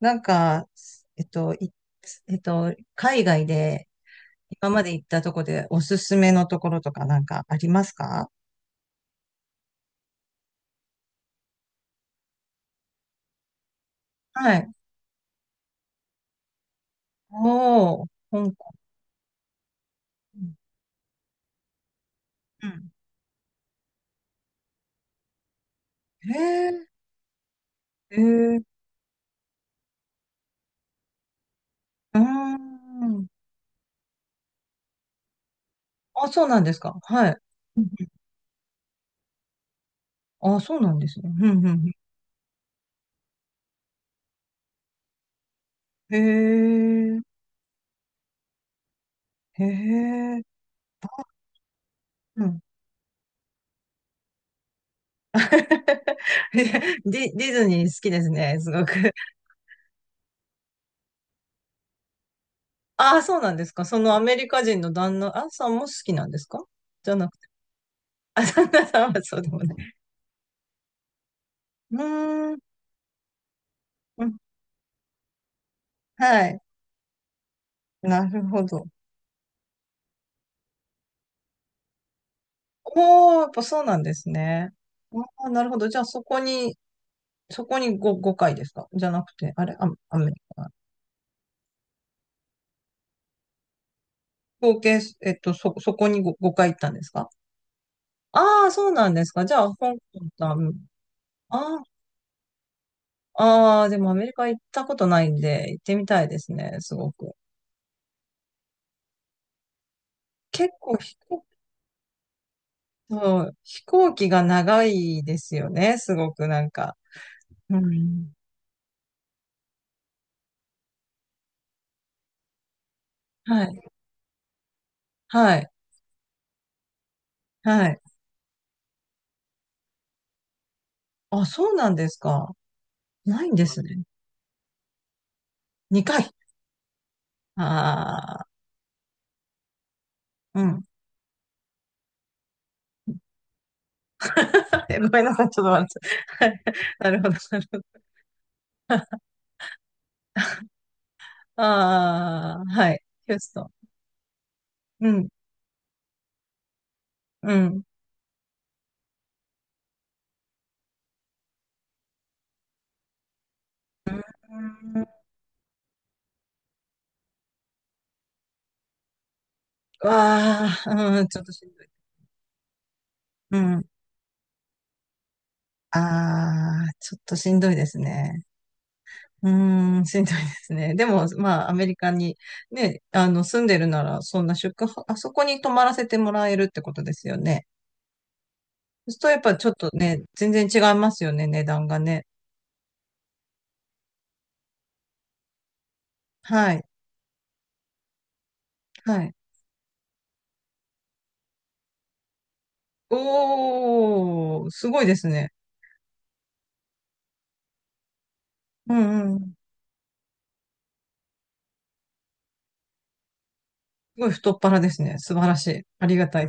なんか、えっと、い、えっと、海外で今まで行ったとこでおすすめのところとかなんかありますか？はい。おー、香港。うん。へえへえうーん。あ、そうなんですか。はい。うんうんあ、そうなんですね。うん、うん、うん。へえへえうん。ディズニー好きですね、すごく。ああ、そうなんですか。そのアメリカ人の旦那さんも好きなんですか？じゃなあ、旦那さんはそうでもない。うーん、うん、はい。なるほど。おー、やっぱそうなんですね。あー、なるほど。じゃあそこに5、5回ですかじゃなくて、あれ、アメリカ。合計、そこに5、5回行ったんですか？ああー、そうなんですか。じゃあ、香港とアメ、あーあー、でもアメリカ行ったことないんで、行ってみたいですね、すごく。結構飛行、そう、飛行機が長いですよね、すごくなんか。うん。はい。はい。はい。あ、そうなんですか。ないんですね。2回。ああ、うん。え、ごめんなさい。ちょっと笑っちゃった。はい。なるほど、なるほど。ああ、はい。ヒューストン。うん、うん。うーん、わあ、うん、ちょっとしんどい。うん。ああ、ちょっとしんどいですね。うーん、しんどいですね。でも、まあ、アメリカにね、住んでるなら、そんな宿泊、あそこに泊まらせてもらえるってことですよね。そうするとやっぱちょっとね、全然違いますよね、値段がね。はい。はい。おー、すごいですね。うんうん。すごい太っ腹ですね。素晴らしい。ありがたい。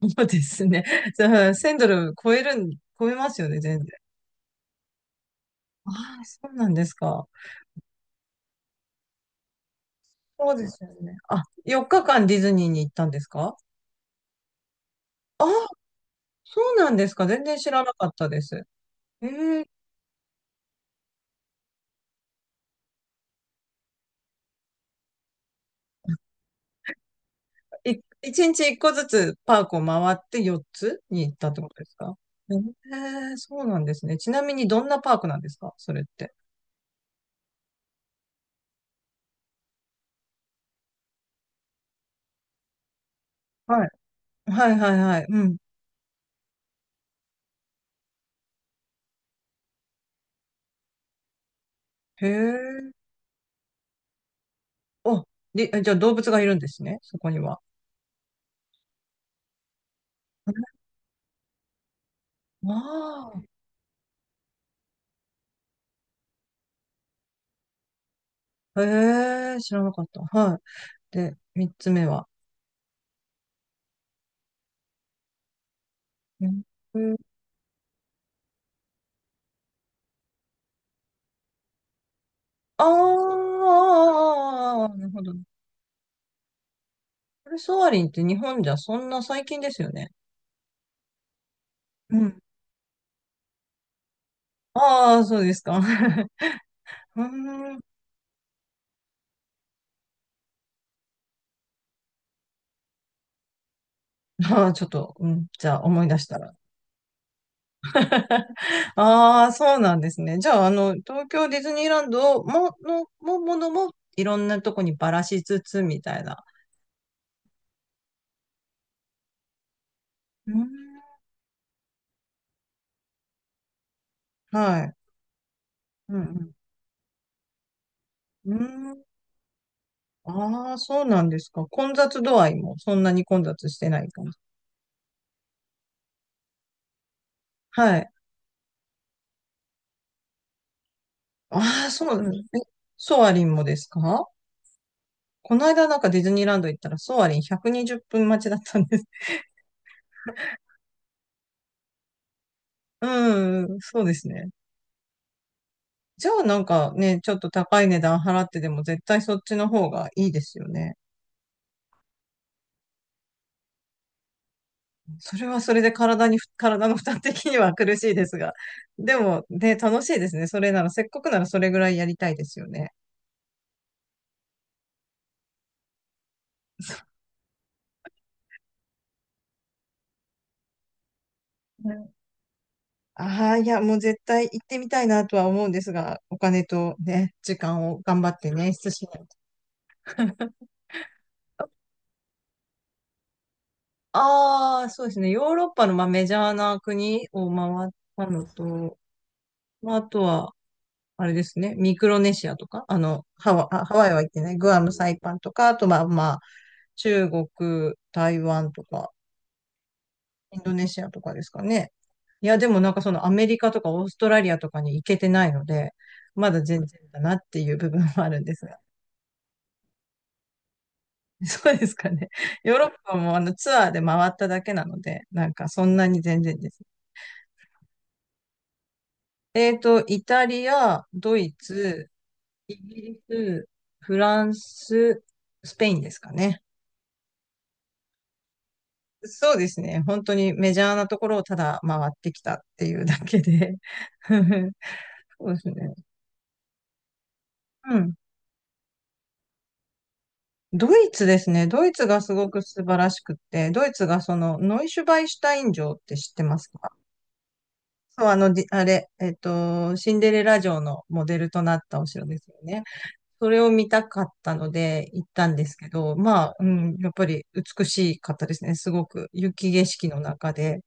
そうですね。じゃあ、1000ドル超えますよね、全然。ああ、そうなんですか。そうですよね。あ、4日間ディズニーに行ったんですか？ああそうなんですか。全然知らなかったです。ええ、一日一個ずつパークを回って4つに行ったってことですか？へえ、そうなんですね。ちなみにどんなパークなんですかそれって？はい。はいはいはい。うん。へえ。あ、で、じゃあ動物がいるんですね。そこには。ああ。へえ、知らなかった。はい。で、三つ目は？うんああー、なるほど。これソアリンって日本じゃそんな最近ですよね？うん。ああ、そうですか。うーん。ああ、ちょっと、うん、じゃあ思い出したら。ああ、そうなんですね。じゃあ、東京ディズニーランドのものも、いろんなとこにばらしつつ、みたいな。うん、はい。うん、うん。うんああそうなんですか。混雑度合いも、そんなに混雑してないかな？はい。ああ、そう、うんえ、ソアリンもですか？この間なんかディズニーランド行ったら、ソアリン120分待ちだったんです。うん、そうですね。じゃあなんかね、ちょっと高い値段払ってでも絶対そっちの方がいいですよね。それはそれで体の負担的には苦しいですが。でもね、楽しいですね。それなら、せっかくならそれぐらいやりたいですよね。ああ、いや、もう絶対行ってみたいなとは思うんですが、お金とね、時間を頑張って捻出しないと。ああ、そうですね。ヨーロッパのまあメジャーな国を回ったのと、まああとは、あれですね、ミクロネシアとか、ハワイは行ってない、グアム、サイパンとか、あとまあまあ、中国、台湾とか、インドネシアとかですかね。いや、でもなんかそのアメリカとかオーストラリアとかに行けてないので、まだ全然だなっていう部分はあるんですが。そうですかね。ヨーロッパもツアーで回っただけなので、なんかそんなに全然です。イタリア、ドイツ、イギリス、フランス、スペインですかね。そうですね。本当にメジャーなところをただ回ってきたっていうだけで。そうですね。うん。ドイツですね。ドイツがすごく素晴らしくって、ドイツがそのノイシュバイシュタイン城って知ってますか？そう、あの、じあれ、えっと、シンデレラ城のモデルとなったお城ですよね。それを見たかったので行ったんですけど、まあ、うん、やっぱり美しかったですね。すごく雪景色の中で。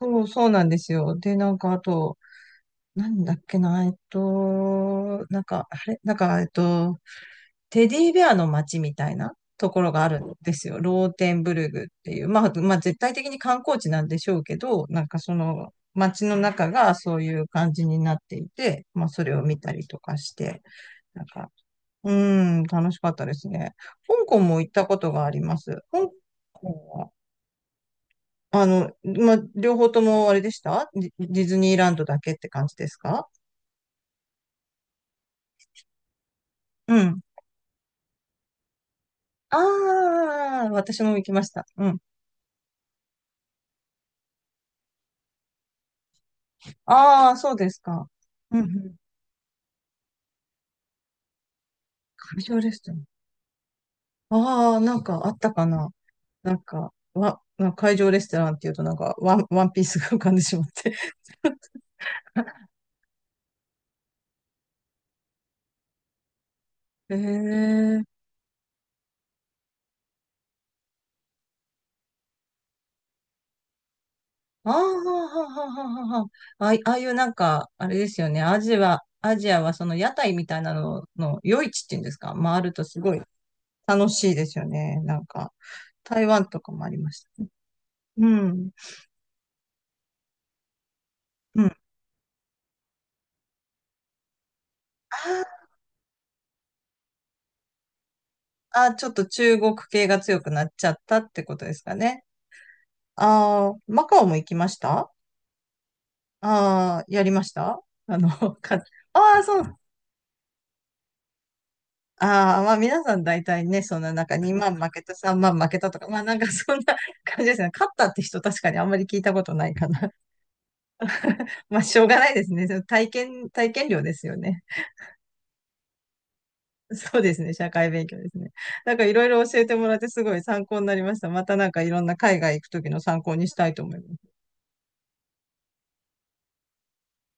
そう、そうなんですよ。で、なんかあと、なんだっけな、えっと、なんか、あれ、なんか、えっと、テディベアの街みたいなところがあるんですよ。ローテンブルグっていう。まあ、まあ、絶対的に観光地なんでしょうけど、なんかその街の中がそういう感じになっていて、まあ、それを見たりとかして、なんか、うーん、楽しかったですね。香港も行ったことがあります。香港は、まあ、両方ともあれでした、ディズニーランドだけって感じですか？うん。ああ、私も行きました。うん。ああ、そうですか。うんうん。会場レストラン。ああ、なんかあったかな。なんか、なんか会場レストランっていうとなんかワンピースが浮かんでしまって。へえ。ああ、ははははは。ああいうなんか、あれですよね。アジアはその屋台みたいなのの夜市っていうんですか？回るとすごい楽しいですよね。なんか、台湾とかもありました。うん。うん。ああ、ちょっと中国系が強くなっちゃったってことですかね。ああ、マカオも行きました？ああー、やりました？あの、か、ああ、そう。ああ、まあ皆さん大体ね、そんななんか2万負けた、3万負けたとか、まあなんかそんな感じですね。勝ったって人確かにあんまり聞いたことないかな。まあしょうがないですね。体験料ですよね。そうですね。社会勉強ですね。なんかいろいろ教えてもらってすごい参考になりました。またなんかいろんな海外行くときの参考にしたいと思います。